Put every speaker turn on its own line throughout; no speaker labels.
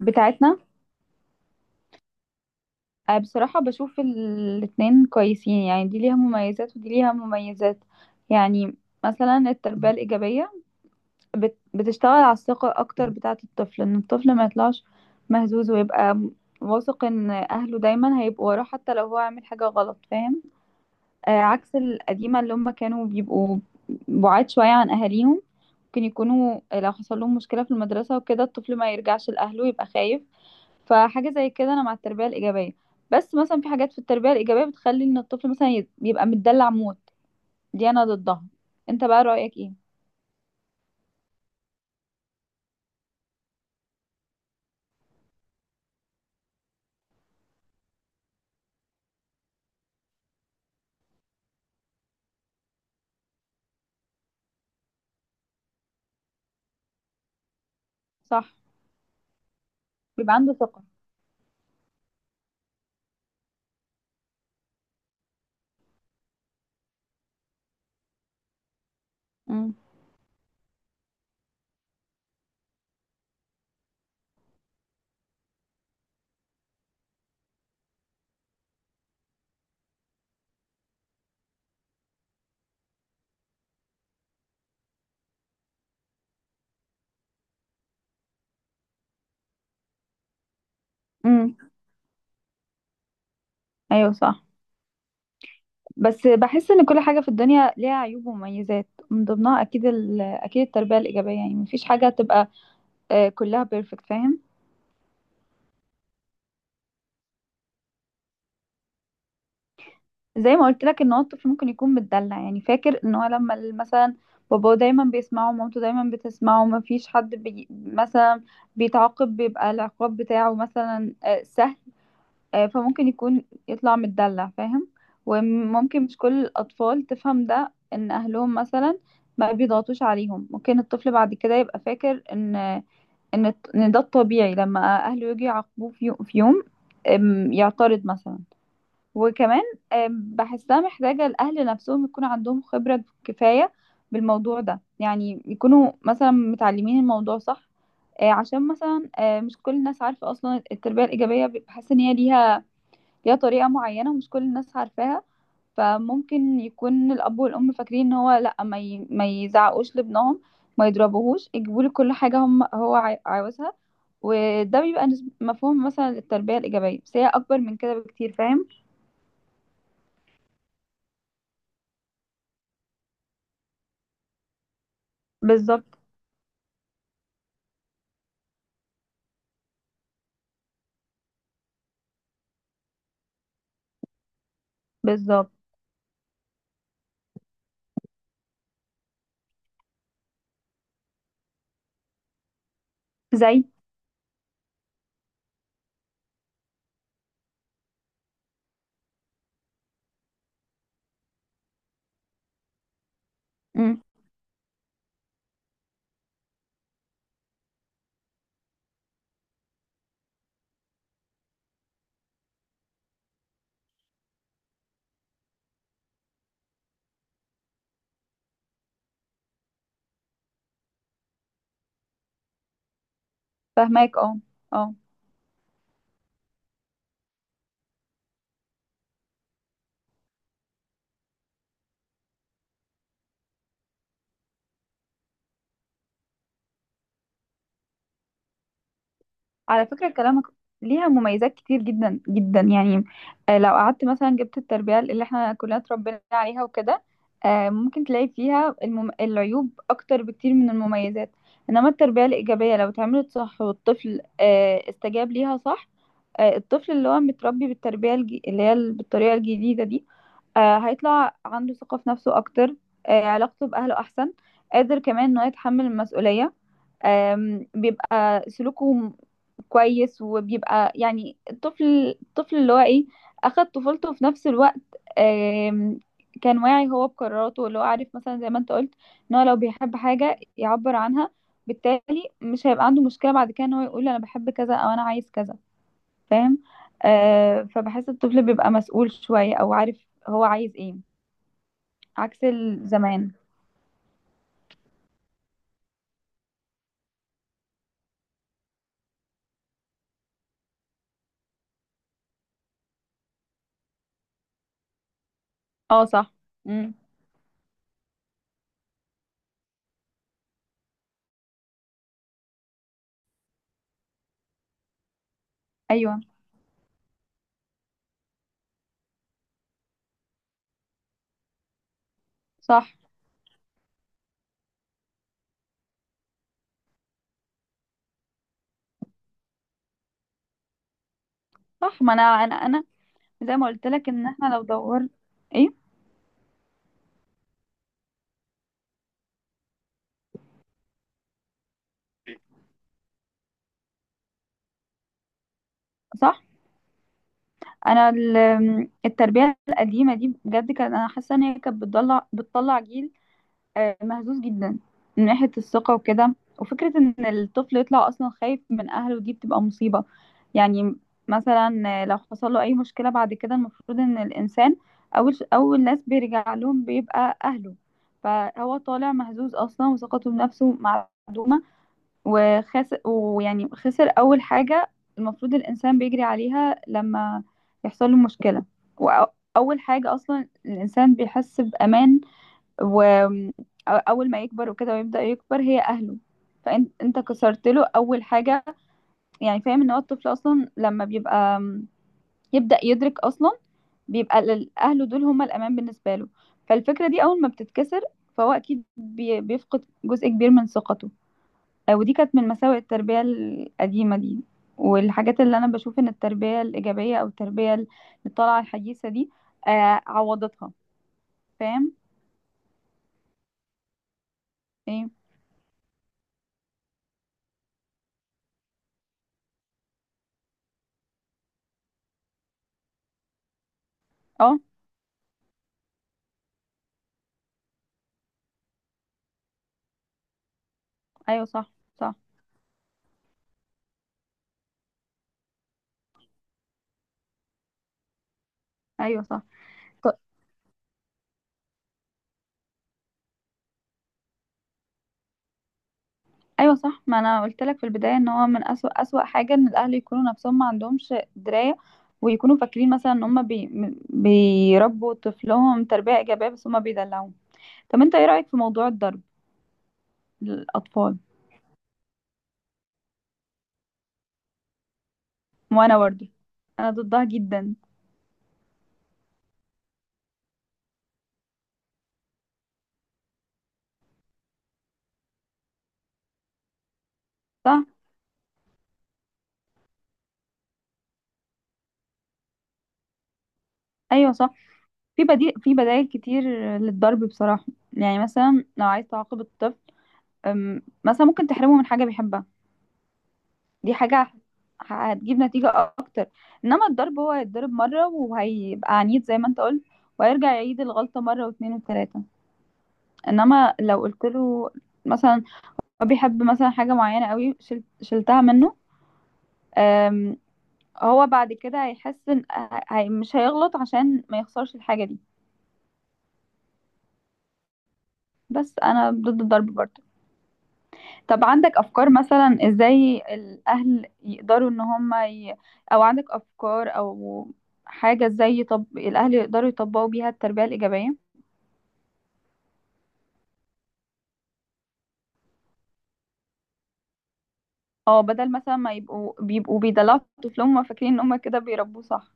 بتاعتنا. بصراحة بشوف الاتنين كويسين، يعني دي ليها مميزات ودي ليها مميزات. يعني مثلا التربية الإيجابية بتشتغل على الثقة أكتر بتاعة الطفل، إن الطفل ما يطلعش مهزوز ويبقى واثق إن أهله دايما هيبقوا وراه حتى لو هو عامل حاجة غلط، فاهم؟ آه، عكس القديمة اللي هم كانوا بيبقوا بعاد شوية عن أهاليهم، ممكن يكونوا لو حصل لهم مشكلة في المدرسة وكده الطفل ما يرجعش لأهله، يبقى خايف. فحاجة زي كده أنا مع التربية الإيجابية. بس مثلا في حاجات في التربية الإيجابية بتخلي إن الطفل مثلا يبقى متدلع موت، دي أنا ضدها. أنت بقى رأيك إيه؟ صح. بيبقى عنده ثقة. امم. امم. أيوه صح. بس بحس إن كل حاجة في الدنيا ليها عيوب ومميزات، من ضمنها أكيد أكيد التربية الإيجابية، يعني مفيش حاجة تبقى آه، كلها بيرفكت، فاهم؟ زي ما قلت لك، ان هو الطفل ممكن يكون متدلع، يعني فاكر ان هو لما مثلا باباه دايما بيسمعه ومامته دايما بتسمعه، ما فيش حد بي مثلا بيتعاقب، بيبقى العقاب بتاعه مثلا آه، سهل. آه، فممكن يكون يطلع متدلع، فاهم؟ وممكن مش كل الاطفال تفهم ده، ان اهلهم مثلا ما بيضغطوش عليهم، ممكن الطفل بعد كده يبقى فاكر ان ان إن ده الطبيعي، لما اهله يجي يعاقبوه في في يوم أم، يعترض مثلا. وكمان آم، بحسها محتاجة الأهل نفسهم يكون عندهم خبرة كفاية بالموضوع ده، يعني يكونوا مثلا متعلمين الموضوع صح آه، عشان مثلا آه، مش كل الناس عارفة أصلا التربية الإيجابية. بحس إن هي ليها ليها طريقة معينة ومش كل الناس عارفاها. فممكن يكون الأب والأم فاكرين إن هو لأ، ما يزعقوش لابنهم، ما يضربوهوش، يجيبوا له كل حاجة هم هو عاوزها. وده بيبقى مفهوم مثلا التربية الإيجابية، بس هي أكبر من كده بكتير، فاهم؟ بالظبط. بالظبط. زي. امم. فاهماك، اه. اه. على فكرة كلامك ليها مميزات كتير جدا جدا، يعني آه، لو قعدت مثلا جبت التربية اللي احنا كلنا اتربينا عليها وكده آه، ممكن تلاقي فيها العيوب أكتر بكتير من المميزات. إنما التربية الإيجابية لو اتعملت صح والطفل آه، استجاب ليها صح آه، الطفل اللي هو متربي اللي هي بالطريقة الجديدة دي آه، هيطلع عنده ثقة في نفسه أكتر، آه، علاقته بأهله أحسن، قادر كمان إنه يتحمل المسؤولية، آم، بيبقى سلوكه كويس، وبيبقى يعني الطفل اللي هو ايه، اخد طفولته في نفس الوقت، آم، كان واعي هو بقراراته، اللي هو عارف مثلا زي ما انت قلت، ان هو لو بيحب حاجة يعبر عنها، بالتالي مش هيبقى عنده مشكلة بعد كده ان هو يقول انا بحب كذا او انا عايز كذا، فاهم؟ آه، فبحس الطفل بيبقى مسؤول شوية، او عارف هو عايز ايه، عكس الزمان. اه صح. امم. ايوه صح. صح. ما انا زي ما قلت لك، ان احنا لو دور. ايه؟ صح. انا التربيه القديمه دي بجد، كان انا حاسه ان هي كانت بتطلع جيل آه، مهزوز جدا من ناحيه الثقه وكده، وفكره ان الطفل يطلع اصلا خايف من اهله، دي بتبقى مصيبه يعني. مثلا آه، لو حصل له اي مشكله بعد كده، المفروض ان الانسان اول ناس بيرجع لهم بيبقى اهله. فهو طالع مهزوز اصلا وثقته بنفسه معدومه، وخسر، ويعني خسر أول حاجة المفروض الإنسان بيجري عليها لما يحصل له مشكلة. وأول حاجة أصلا الإنسان بيحس بأمان، وأول ما يكبر وكده ويبدأ يكبر، هي أهله. فأنت كسرت له أول حاجة، يعني فاهم؟ إن هو الطفل أصلا لما بيبقى يبدأ يدرك أصلا، بيبقى أهله دول هما الأمان بالنسبة له. فالفكرة دي أول ما بتتكسر، فهو أكيد بيفقد جزء كبير من ثقته. آه، ودي كانت من مساوئ التربية القديمة دي، والحاجات اللي أنا بشوف إن التربية الإيجابية أو التربية اللي طالعة الحديثة دي آه، عوضتها. فاهم؟ إيه؟ أه. أيوه صح. صح. أيوه صح. ط- أيوه صح. ما أنا قلت لك في البداية إن هو من أسوأ أسوأ حاجة إن الأهل يكونوا نفسهم ما عندهمش دراية، ويكونوا فاكرين مثلا إن هما بيربوا طفلهم تربية إيجابية، بس هما بيدلعوهم. طب أنت إيه رأيك في موضوع الضرب للأطفال؟ وأنا برضه أنا ضدها جدا. صح؟ ايوه صح. في بديل، في بدائل كتير للضرب بصراحة. يعني مثلا لو عايز تعاقب الطفل أم، مثلا ممكن تحرمه من حاجة بيحبها. دي حاجة هتجيب نتيجة أكتر. إنما الضرب، هو هيتضرب مرة وهيبقى عنيد زي ما أنت قلت، وهيرجع يعيد الغلطة مرة واتنين وتلاتة. إنما لو قلت له مثلا هو بيحب مثلا حاجة معينة قوي، شلتها منه، أم، هو بعد كده هيحس إن مش هيغلط عشان ما يخسرش الحاجة دي. بس أنا ضد الضرب برضه. طب عندك افكار مثلا ازاي الاهل يقدروا ان هم ي... او عندك افكار او حاجة ازاي الاهل يقدروا يطبقوا بيها التربية الايجابية؟ اه، بدل مثلا ما يبقوا بيدلعوا طفلهم، هما فاكرين ان هم كده بيربوه صح.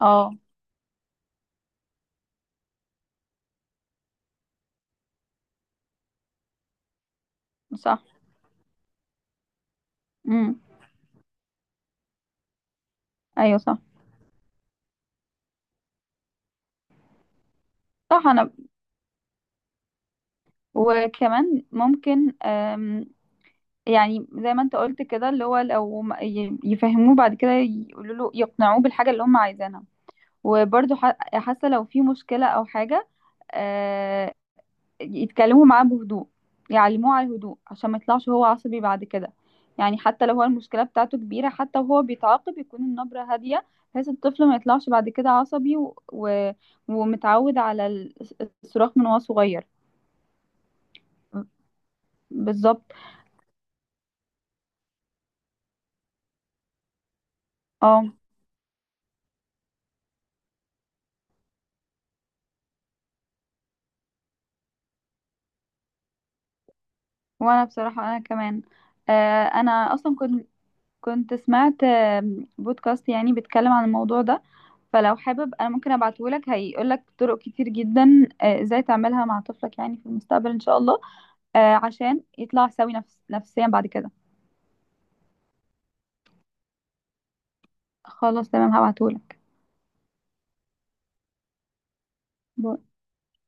اه صح. امم. ايوه صح. صح. انا وكمان ممكن أم... يعني زي ما انت قلت كده، اللي هو لو يفهموه بعد كده، يقولوا له، يقنعوه بالحاجة اللي هم عايزينها. وبرضه حاسة لو في مشكلة او حاجة آه، يتكلموا معاه بهدوء، يعلموه على الهدوء عشان ما يطلعش هو عصبي بعد كده. يعني حتى لو هو المشكلة بتاعته كبيرة، حتى وهو بيتعاقب يكون النبرة هادية، بحيث الطفل ما يطلعش بعد كده عصبي ومتعود على الصراخ من وهو صغير. بالظبط. اه، وانا بصراحة انا كمان آه، انا اصلا كنت سمعت آم، بودكاست يعني بيتكلم عن الموضوع ده، فلو حابب انا ممكن ابعتهولك، هيقولك طرق كتير جدا آه، ازاي تعملها مع طفلك يعني في المستقبل ان شاء الله، آه، عشان يطلع سوي نفسيا بعد كده. خلاص تمام، هبعتهولك.